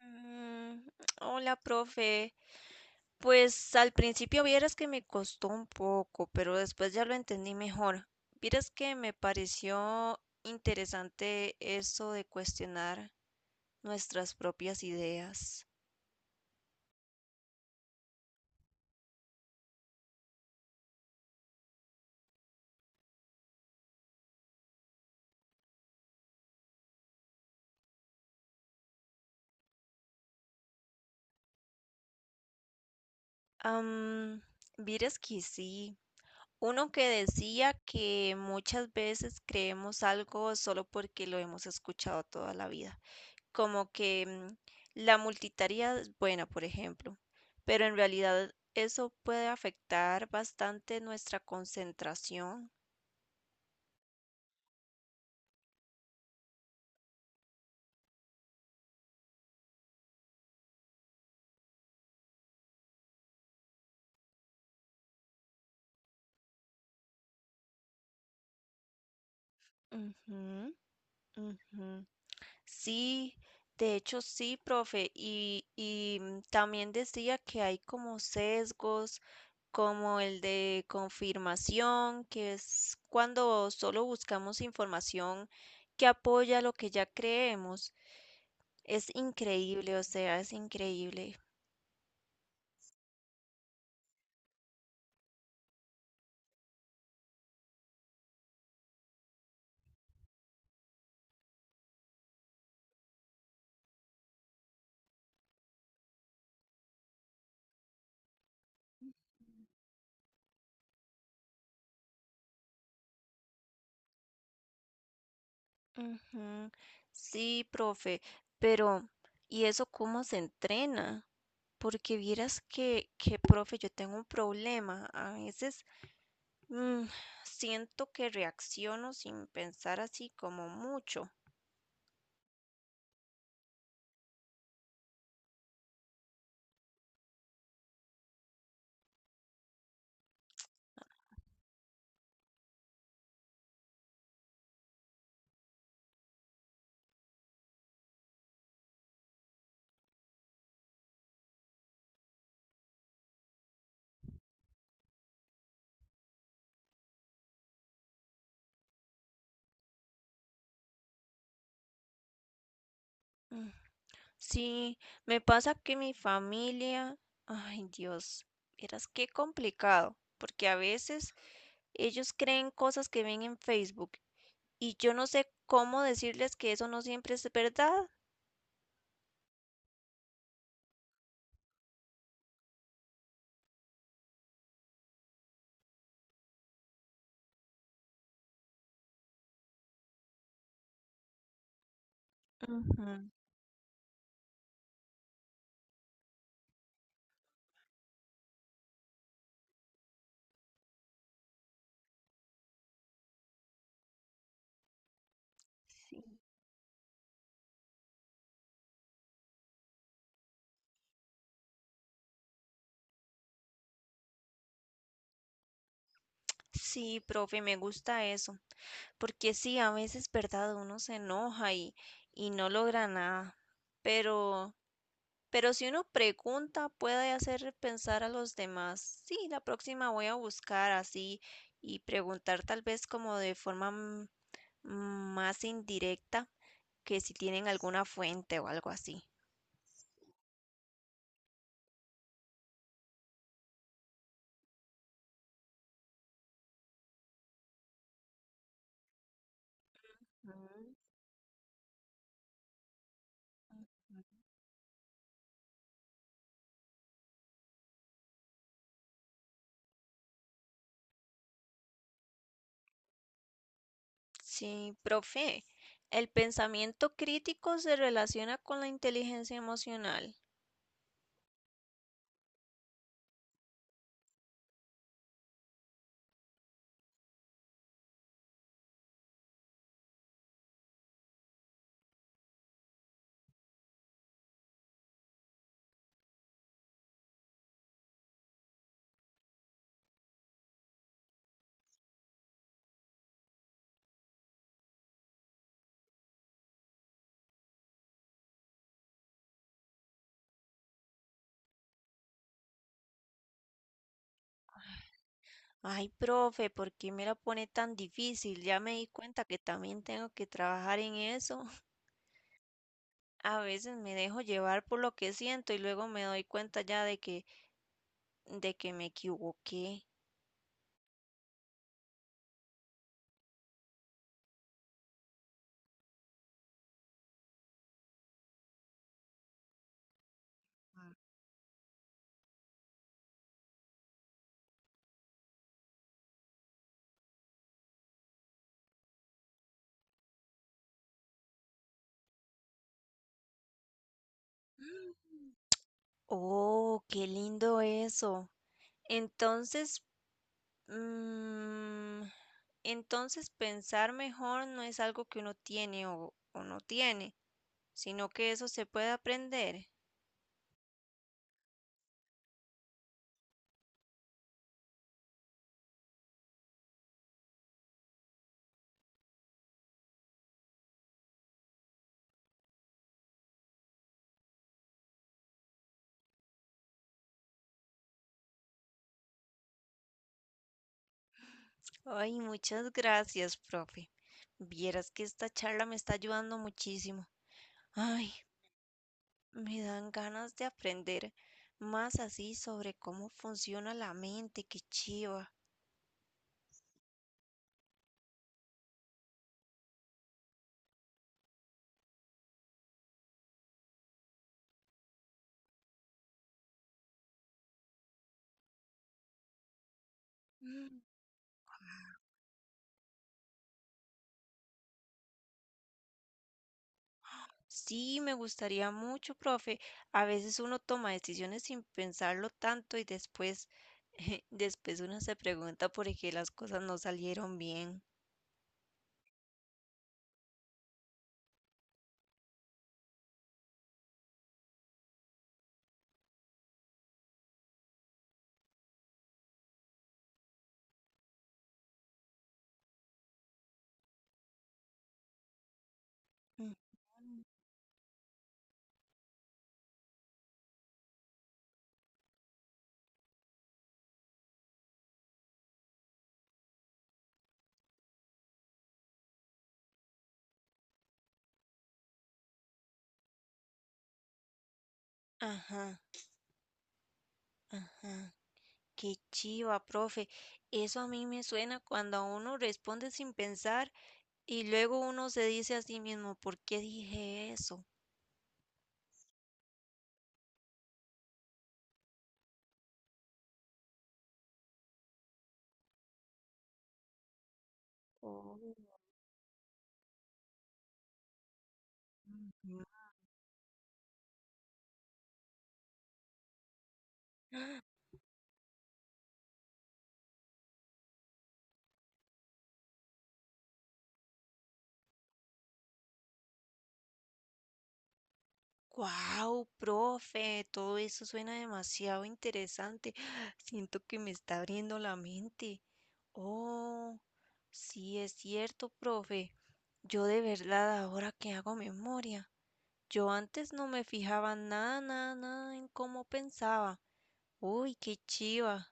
Mm. Hola, profe. Pues al principio vieras que me costó un poco, pero después ya lo entendí mejor. Vieras que me pareció interesante eso de cuestionar nuestras propias ideas. Am, Vieras que sí. Uno que decía que muchas veces creemos algo solo porque lo hemos escuchado toda la vida, como que la multitarea es buena, por ejemplo, pero en realidad eso puede afectar bastante nuestra concentración. Ujú, ujú. Sí, de hecho sí, profe, y también decía que hay como sesgos, como el de confirmación, que es cuando solo buscamos información que apoya lo que ya creemos. Es increíble, o sea, es increíble. Ujú. Sí, profe, pero ¿y eso cómo se entrena? Porque vieras que, profe, yo tengo un problema. A veces mm, siento que reacciono sin pensar así como mucho. Mm. Sí, me pasa que mi familia, ay Dios, vieras qué complicado, porque a veces ellos creen cosas que ven en Facebook, y yo no sé cómo decirles que eso no siempre es verdad. Ujú. Sí. Sí, profe, me gusta eso, porque sí, a veces, ¿verdad? Uno se enoja y no logra nada, pero... Pero si uno pregunta, puede hacer pensar a los demás. Sí, la próxima voy a buscar así y preguntar tal vez como de forma más indirecta, que si tienen alguna fuente o algo así. Mm. Sí, profe, el pensamiento crítico se relaciona con la inteligencia emocional. Ay, profe, ¿por qué me la pone tan difícil? Ya me di cuenta que también tengo que trabajar en eso. A veces me dejo llevar por lo que siento y luego me doy cuenta ya de que me equivoqué. Mm. Oh, qué lindo eso. Entonces, mm, entonces pensar mejor no es algo que uno tiene o no tiene, sino que eso se puede aprender. Ay, muchas gracias, profe. Vieras que esta charla me está ayudando muchísimo. Ay, me dan ganas de aprender más así sobre cómo funciona la mente, qué chiva. Mm. Sí, me gustaría mucho, profe. A veces uno toma decisiones sin pensarlo tanto y después, después uno se pregunta por qué las cosas no salieron bien. Mm. Ajá, ajá. Qué chiva, profe. Eso a mí me suena cuando a uno responde sin pensar y luego uno se dice a sí mismo, ¿por qué dije eso? ¡Wow, profe, todo eso suena demasiado interesante! Siento que me está abriendo la mente. Oh, sí es cierto, profe. Yo de verdad ahora que hago memoria, yo antes no me fijaba nada, nada, nada en cómo pensaba. Uy, qué chiva.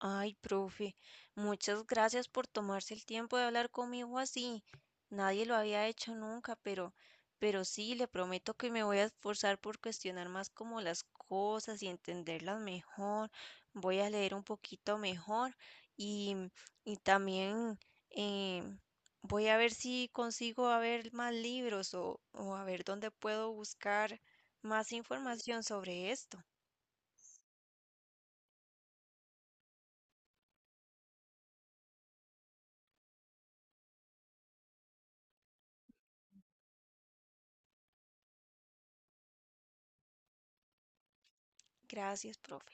Ay, profe, muchas gracias por tomarse el tiempo de hablar conmigo así. Nadie lo había hecho nunca, pero sí, le prometo que me voy a esforzar por cuestionar más como las cosas y entenderlas mejor. Voy a leer un poquito mejor, y, y también eh, voy a ver si consigo a ver más libros, o a ver dónde puedo buscar más información sobre esto. Gracias, profe.